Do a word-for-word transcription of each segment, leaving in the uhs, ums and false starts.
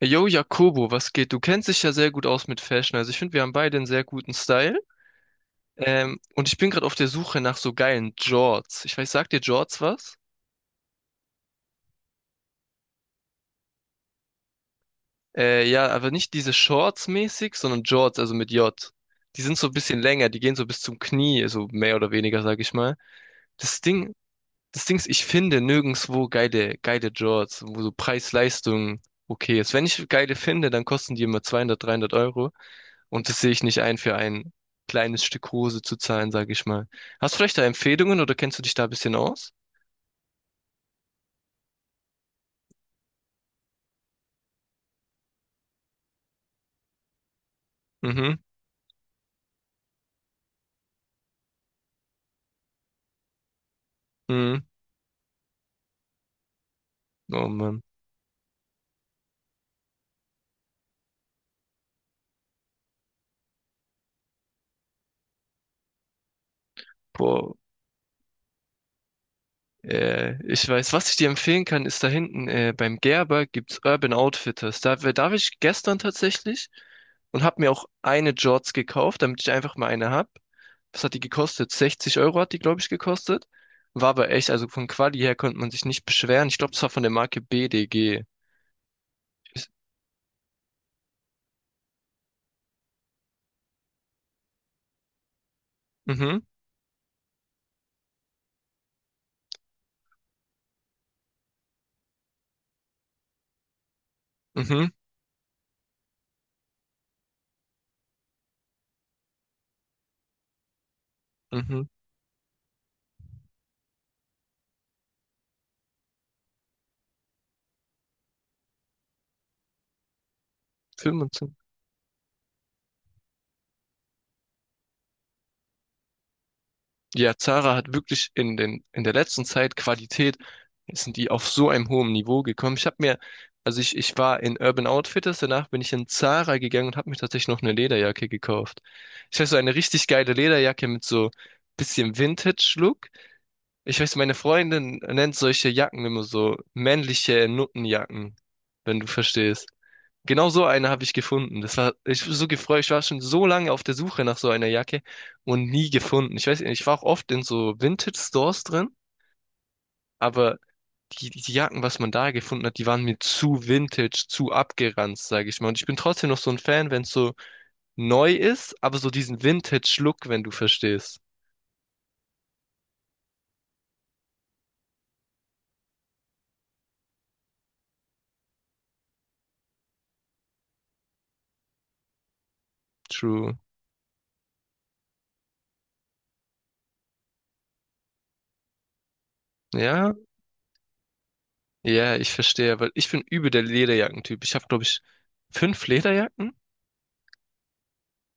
Yo, Jakobo, was geht? Du kennst dich ja sehr gut aus mit Fashion. Also ich finde, wir haben beide einen sehr guten Style. Ähm, und ich bin gerade auf der Suche nach so geilen Jorts. Ich weiß, sagt dir Jorts was? Äh, ja, aber nicht diese Shorts mäßig, sondern Jorts, also mit J. Die sind so ein bisschen länger, die gehen so bis zum Knie, so mehr oder weniger, sag ich mal. Das Ding, das Ding ist, ich finde nirgendwo geile, geile Jorts, wo so Preis-Leistung okay ist. Wenn ich geile finde, dann kosten die immer zweihundert, dreihundert Euro. Und das sehe ich nicht ein, für ein kleines Stück Hose zu zahlen, sage ich mal. Hast du vielleicht da Empfehlungen oder kennst du dich da ein bisschen aus? Mhm, mhm. Oh Mann. Boah. Äh, ich weiß, was ich dir empfehlen kann, ist da hinten äh, beim Gerber gibt's Urban Outfitters. Da, da war ich gestern tatsächlich und habe mir auch eine Jorts gekauft, damit ich einfach mal eine hab. Was hat die gekostet? sechzig Euro hat die, glaube ich, gekostet. War aber echt, also von Quali her konnte man sich nicht beschweren. Ich glaube, das war von der Marke B D G. Ist- Mhm, mhm, mhm. Film und so. Ja, Zara hat wirklich in den, in der letzten Zeit Qualität, sind die auf so einem hohen Niveau gekommen. Ich habe mir, also ich, ich war in Urban Outfitters, danach bin ich in Zara gegangen und habe mir tatsächlich noch eine Lederjacke gekauft. Ich weiß, so eine richtig geile Lederjacke mit so bisschen Vintage-Look. Ich weiß, meine Freundin nennt solche Jacken immer so männliche Nuttenjacken, wenn du verstehst. Genau so eine habe ich gefunden. Das war, ich war so gefreut. Ich war schon so lange auf der Suche nach so einer Jacke und nie gefunden. Ich weiß nicht, ich war auch oft in so Vintage-Stores drin, aber die, die Jacken, was man da gefunden hat, die waren mir zu vintage, zu abgeranzt, sage ich mal. Und ich bin trotzdem noch so ein Fan, wenn es so neu ist, aber so diesen Vintage-Look, wenn du verstehst. True. Ja, ja, ich verstehe, weil ich bin übel der Lederjackentyp. Ich habe, glaube ich, fünf Lederjacken.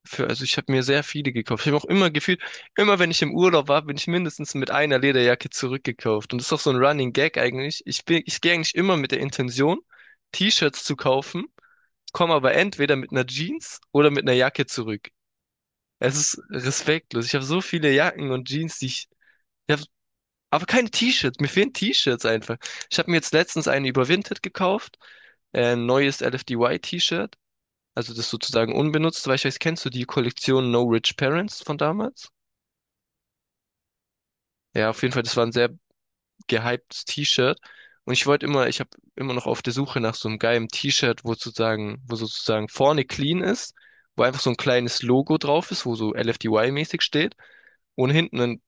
Für, also ich habe mir sehr viele gekauft. Ich habe auch immer gefühlt, immer wenn ich im Urlaub war, bin ich mindestens mit einer Lederjacke zurückgekauft. Und das ist auch so ein Running Gag eigentlich. Ich bin, ich gehe eigentlich immer mit der Intention, T-Shirts zu kaufen, komme aber entweder mit einer Jeans oder mit einer Jacke zurück. Es ist respektlos. Ich habe so viele Jacken und Jeans, die ich, ich hab, aber keine T-Shirts. Mir fehlen T-Shirts einfach. Ich habe mir jetzt letztens eine überwintert gekauft, äh, ein neues L F D Y-T-Shirt. Also das sozusagen unbenutzt, weil ich weiß, kennst du die Kollektion No Rich Parents von damals? Ja, auf jeden Fall, das war ein sehr gehyptes T-Shirt. Und ich wollte immer, ich habe immer noch auf der Suche nach so einem geilen T-Shirt, wo sozusagen, wo sozusagen vorne clean ist, wo einfach so ein kleines Logo drauf ist, wo so L F D Y-mäßig steht und hinten ein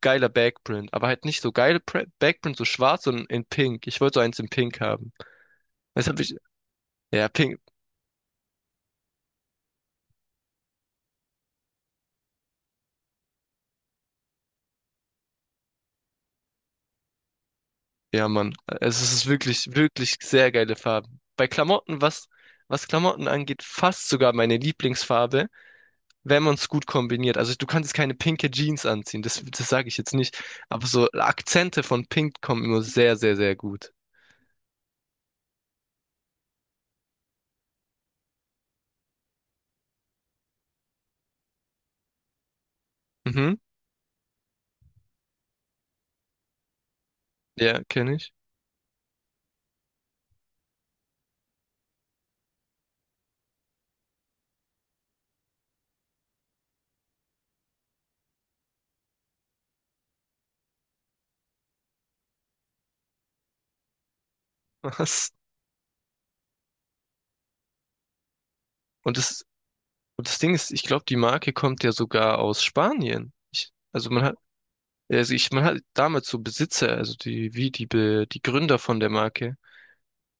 geiler Backprint, aber halt nicht so geil Pre- Backprint, so schwarz, sondern in Pink. Ich wollte so eins in Pink haben. Das habe ich, ja, Pink, Ja, Mann. Es ist wirklich, wirklich sehr geile Farben. Bei Klamotten, was, was Klamotten angeht, fast sogar meine Lieblingsfarbe, wenn man es gut kombiniert. Also du kannst keine pinke Jeans anziehen, das, das sage ich jetzt nicht. Aber so Akzente von Pink kommen immer sehr, sehr, sehr gut. Mhm. Ja, kenne ich. Was? Und das, und das Ding ist, ich glaube, die Marke kommt ja sogar aus Spanien. Ich, also man hat, also ich, Man hat damals so Besitzer, also die, wie die, Be- die Gründer von der Marke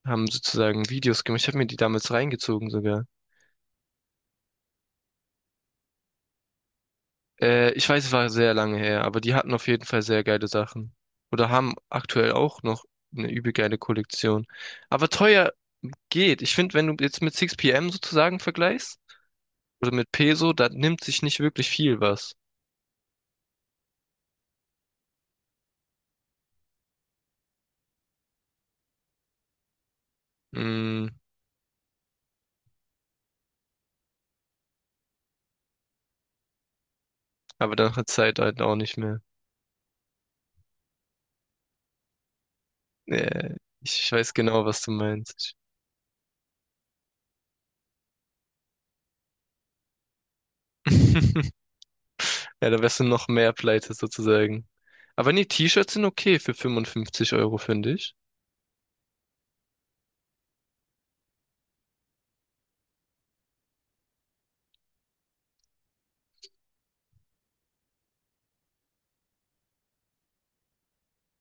haben sozusagen Videos gemacht. Ich habe mir die damals reingezogen sogar. Äh, ich weiß, es war sehr lange her, aber die hatten auf jeden Fall sehr geile Sachen. Oder haben aktuell auch noch eine übel geile Kollektion. Aber teuer geht. Ich finde, wenn du jetzt mit six p m sozusagen vergleichst, oder mit Peso, da nimmt sich nicht wirklich viel was. Mm, aber dann hat Zeit halt auch nicht mehr. Äh, ich weiß genau, was du meinst. Ja, da wärst du noch mehr pleite sozusagen. Aber nee, T-Shirts sind okay für fünfundfünfzig Euro, finde ich.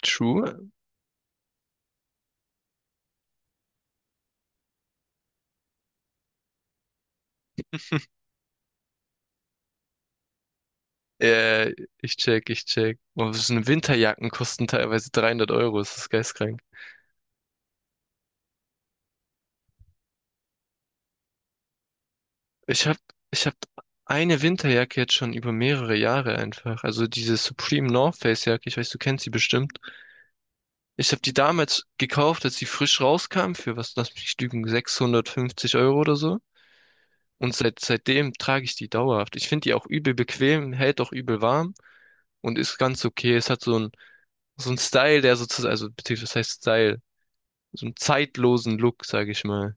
True. Äh, ich check, ich check. Oh, so eine Winterjacken kosten teilweise dreihundert Euro. Das ist geistkrank. Ich hab, ich hab eine Winterjacke jetzt schon über mehrere Jahre einfach. Also diese Supreme North Face Jacke. Ich weiß, du kennst sie bestimmt. Ich habe die damals gekauft, als sie frisch rauskam, für was, lass mich nicht lügen, sechshundertfünfzig Euro oder so. Und seit, seitdem trage ich die dauerhaft. Ich finde die auch übel bequem, hält auch übel warm und ist ganz okay. Es hat so ein, so ein Style, der sozusagen, also, beziehungsweise, was heißt Style? So einen zeitlosen Look, sage ich mal.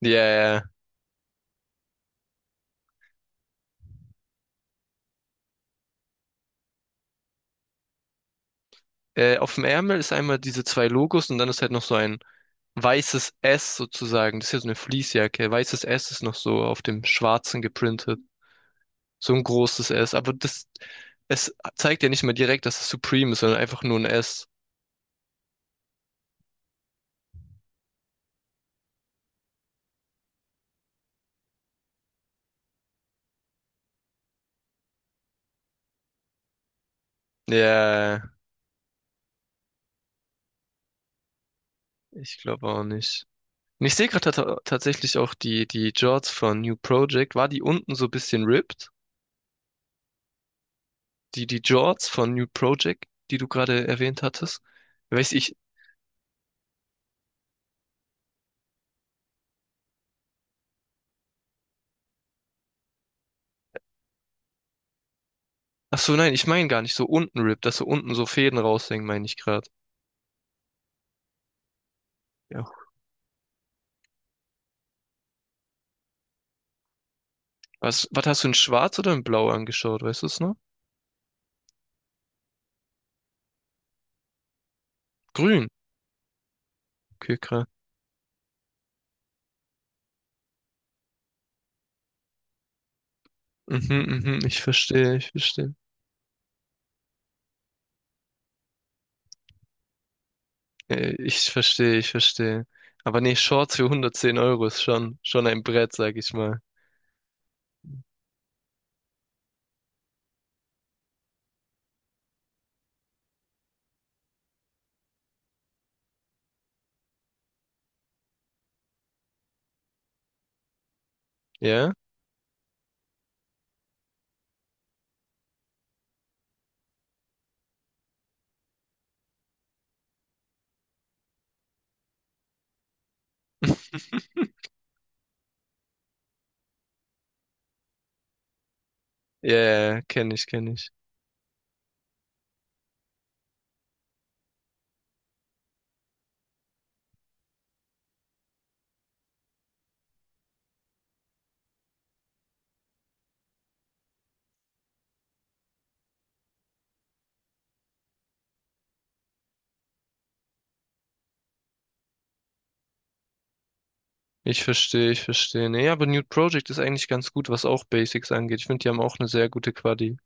Ja, ja. Äh, auf dem Ärmel ist einmal diese zwei Logos und dann ist halt noch so ein weißes S sozusagen. Das ist ja so eine Fleecejacke. Weißes S ist noch so auf dem Schwarzen geprintet. So ein großes S. Aber das, es zeigt ja nicht mal direkt, dass es Supreme ist, sondern einfach nur ein S. Ja, ich glaube auch nicht. Und ich sehe gerade ta tatsächlich auch die, die Jorts von New Project. War die unten so ein bisschen ripped? Die, die Jorts von New Project, die du gerade erwähnt hattest? Weiß ich. Ach so, nein, ich meine gar nicht so unten Rip, dass so unten so Fäden raushängen, meine ich gerade. Ja. Was, was hast du in Schwarz oder in Blau angeschaut, weißt du es noch? Grün. Okay, krass. Mhm, mhm, ich verstehe, ich verstehe. Äh, ich verstehe, ich verstehe. Aber nee, Shorts für hundertzehn Euro ist schon, schon ein Brett, sag ich mal. Ja? Ja, kenne ich, kenne ich. Ich verstehe, ich verstehe. Nee, aber Nude Project ist eigentlich ganz gut, was auch Basics angeht. Ich finde, die haben auch eine sehr gute Quali.